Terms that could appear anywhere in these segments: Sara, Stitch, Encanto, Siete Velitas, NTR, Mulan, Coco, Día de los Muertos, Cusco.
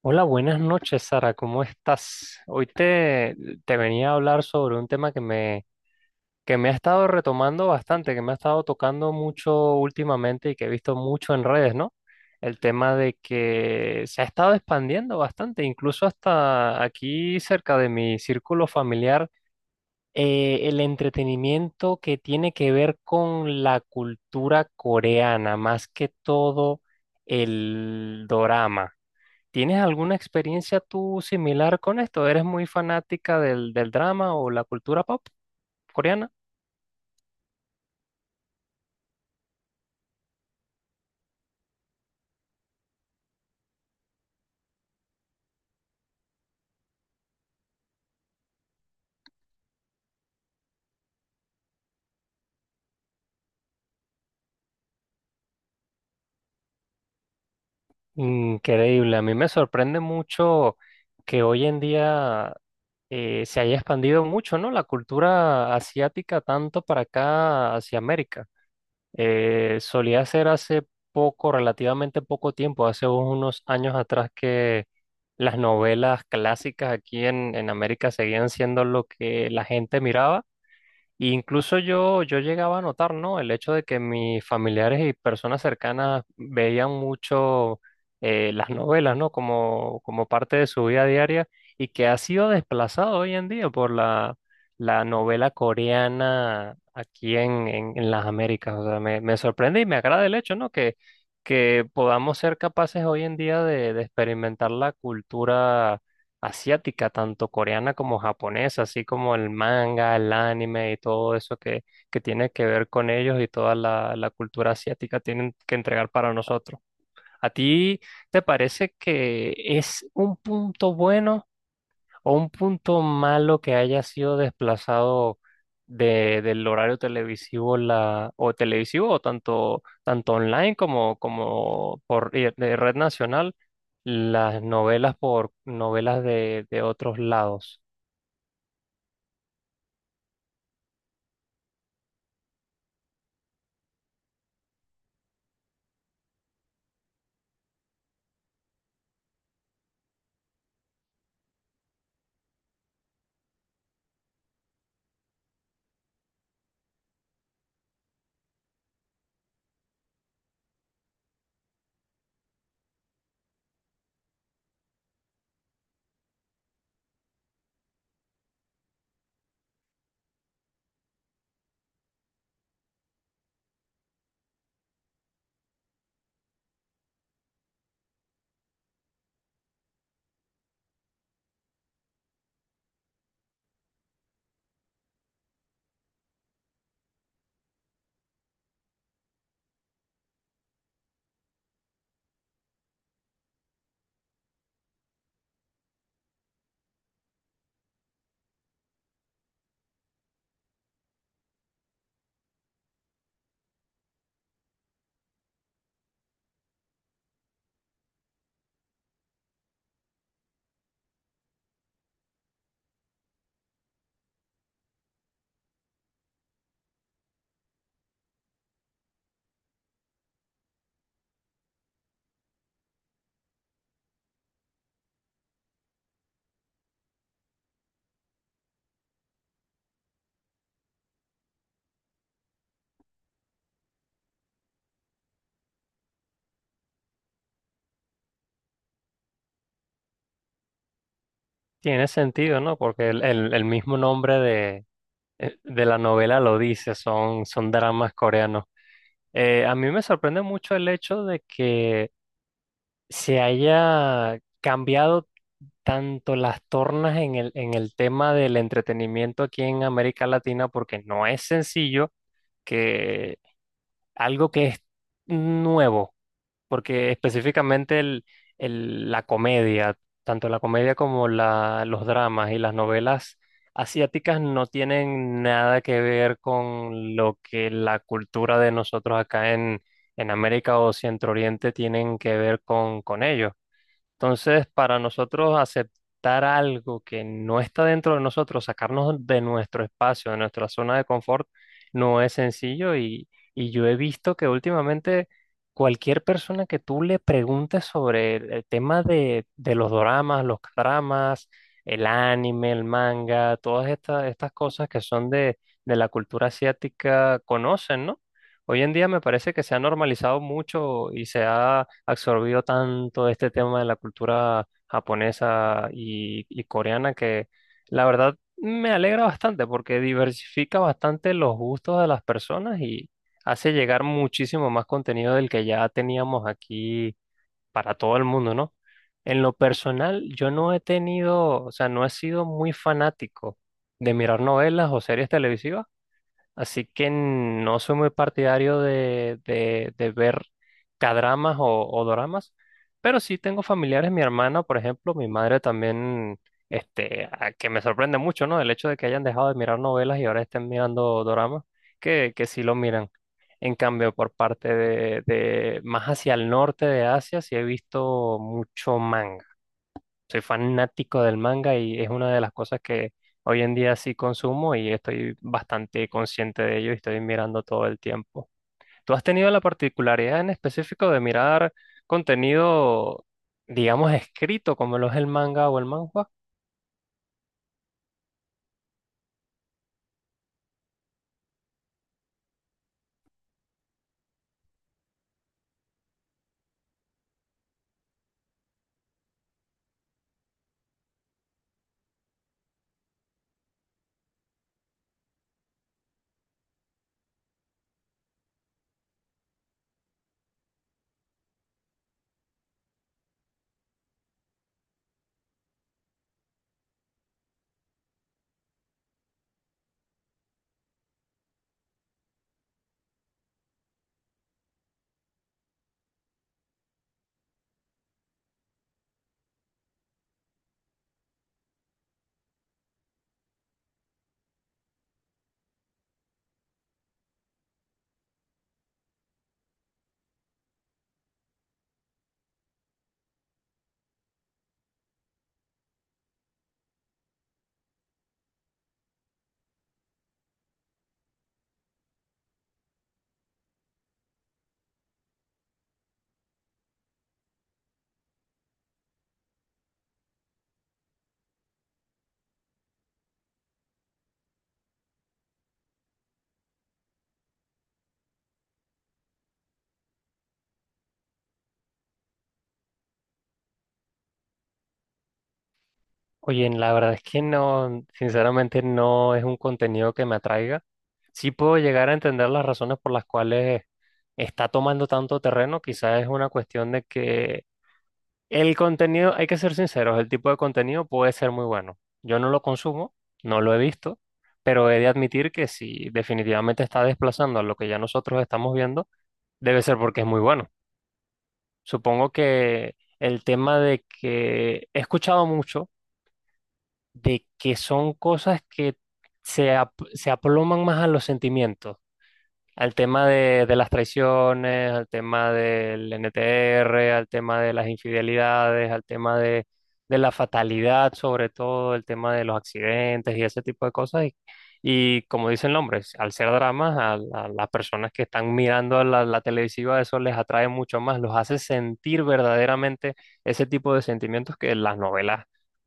Hola, buenas noches, Sara, ¿cómo estás? Hoy te venía a hablar sobre un tema que me ha estado retomando bastante, que me ha estado tocando mucho últimamente y que he visto mucho en redes, ¿no? El tema de que se ha estado expandiendo bastante, incluso hasta aquí cerca de mi círculo familiar, el entretenimiento que tiene que ver con la cultura coreana, más que todo el dorama. ¿Tienes alguna experiencia tú similar con esto? ¿Eres muy fanática del drama o la cultura pop coreana? Increíble, a mí me sorprende mucho que hoy en día se haya expandido mucho, ¿no? La cultura asiática tanto para acá hacia América. Solía ser hace poco, relativamente poco tiempo, hace unos años atrás que las novelas clásicas aquí en América seguían siendo lo que la gente miraba. Y incluso yo llegaba a notar, ¿no? El hecho de que mis familiares y personas cercanas veían mucho, las novelas, ¿no? Como parte de su vida diaria y que ha sido desplazado hoy en día por la novela coreana aquí en las Américas. O sea, me sorprende y me agrada el hecho, ¿no? Que podamos ser capaces hoy en día de experimentar la cultura asiática, tanto coreana como japonesa, así como el manga, el anime y todo eso que tiene que ver con ellos y toda la cultura asiática tienen que entregar para nosotros. ¿A ti te parece que es un punto bueno? ¿O un punto malo que haya sido desplazado del horario televisivo la, o televisivo o tanto online como, como por de red nacional, las novelas por novelas de otros lados? Tiene sentido, ¿no? Porque el mismo nombre de la novela lo dice, son dramas coreanos. A mí me sorprende mucho el hecho de que se haya cambiado tanto las tornas en en el tema del entretenimiento aquí en América Latina, porque no es sencillo que algo que es nuevo, porque específicamente la comedia, tanto la comedia como la, los dramas y las novelas asiáticas no tienen nada que ver con lo que la cultura de nosotros acá en América o Centro Oriente tienen que ver con ellos. Entonces, para nosotros aceptar algo que no está dentro de nosotros, sacarnos de nuestro espacio, de nuestra zona de confort, no es sencillo y yo he visto que últimamente cualquier persona que tú le preguntes sobre el tema de los doramas, los dramas, el anime, el manga, todas estas cosas que son de la cultura asiática, conocen, ¿no? Hoy en día me parece que se ha normalizado mucho y se ha absorbido tanto este tema de la cultura japonesa y coreana que la verdad me alegra bastante porque diversifica bastante los gustos de las personas y hace llegar muchísimo más contenido del que ya teníamos aquí para todo el mundo, ¿no? En lo personal, yo no he tenido, o sea, no he sido muy fanático de mirar novelas o series televisivas. Así que no soy muy partidario de ver cadramas o doramas, pero sí tengo familiares, mi hermana, por ejemplo, mi madre también, que me sorprende mucho, ¿no? El hecho de que hayan dejado de mirar novelas y ahora estén mirando doramas, que sí lo miran. En cambio, por parte de más hacia el norte de Asia, sí he visto mucho manga. Soy fanático del manga y es una de las cosas que hoy en día sí consumo y estoy bastante consciente de ello y estoy mirando todo el tiempo. ¿Tú has tenido la particularidad en específico de mirar contenido, digamos, escrito como lo es el manga o el manhwa? Oye, la verdad es que no, sinceramente no es un contenido que me atraiga. Sí puedo llegar a entender las razones por las cuales está tomando tanto terreno, quizás es una cuestión de que el contenido, hay que ser sinceros, el tipo de contenido puede ser muy bueno. Yo no lo consumo, no lo he visto, pero he de admitir que si definitivamente está desplazando a lo que ya nosotros estamos viendo, debe ser porque es muy bueno. Supongo que el tema de que he escuchado mucho de que son cosas que se aploman más a los sentimientos, al tema de las traiciones, al tema del NTR, al tema de las infidelidades, al tema de la fatalidad, sobre todo, el tema de los accidentes y ese tipo de cosas. Y como dice el nombre, al ser dramas, a las personas que están mirando la televisiva, eso les atrae mucho más, los hace sentir verdaderamente ese tipo de sentimientos que las novelas,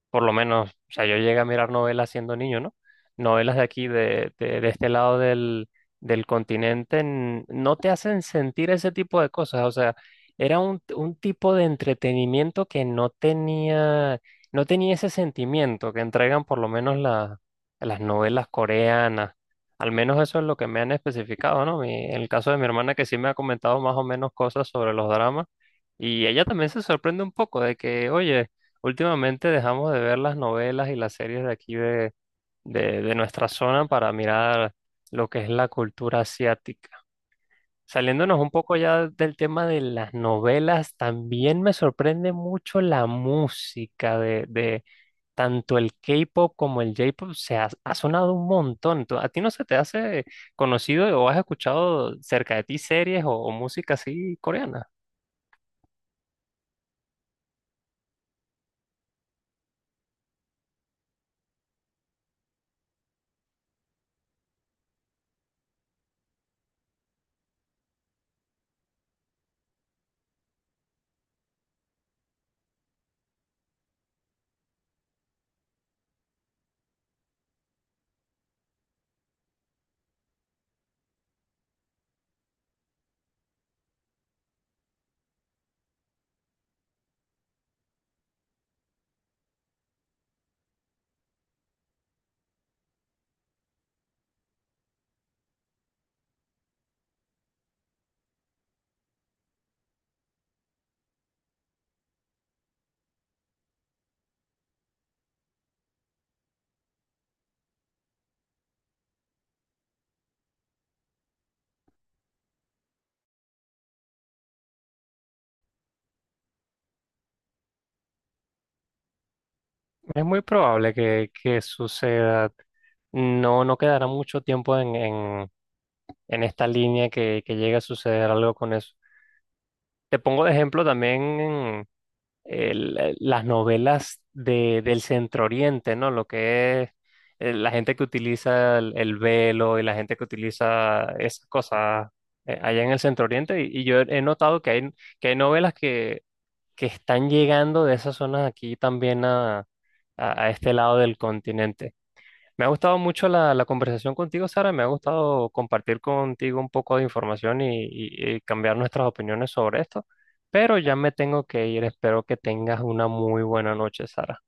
por lo menos, o sea, yo llegué a mirar novelas siendo niño, ¿no? Novelas de aquí, de este lado del del continente no te hacen sentir ese tipo de cosas. O sea, era un tipo de entretenimiento que no tenía, no tenía ese sentimiento que entregan por lo menos las novelas coreanas. Al menos eso es lo que me han especificado, ¿no? En el caso de mi hermana que sí me ha comentado más o menos cosas sobre los dramas y ella también se sorprende un poco de que, oye, últimamente dejamos de ver las novelas y las series de aquí de nuestra zona para mirar lo que es la cultura asiática. Saliéndonos un poco ya del tema de las novelas, también me sorprende mucho la música de tanto el K-pop como el J-pop. Ha sonado un montón. ¿A ti no se te hace conocido o has escuchado cerca de ti series o música así coreana? Es muy probable que suceda. No, no quedará mucho tiempo en esta línea que llegue a suceder algo con eso. Te pongo de ejemplo también las novelas del Centro Oriente, ¿no? Lo que es la gente que utiliza el velo y la gente que utiliza esas cosas, allá en el Centro Oriente. Y yo he notado que hay novelas que están llegando de esas zonas aquí también a este lado del continente. Me ha gustado mucho la conversación contigo, Sara. Me ha gustado compartir contigo un poco de información y cambiar nuestras opiniones sobre esto. Pero ya me tengo que ir. Espero que tengas una muy buena noche, Sara.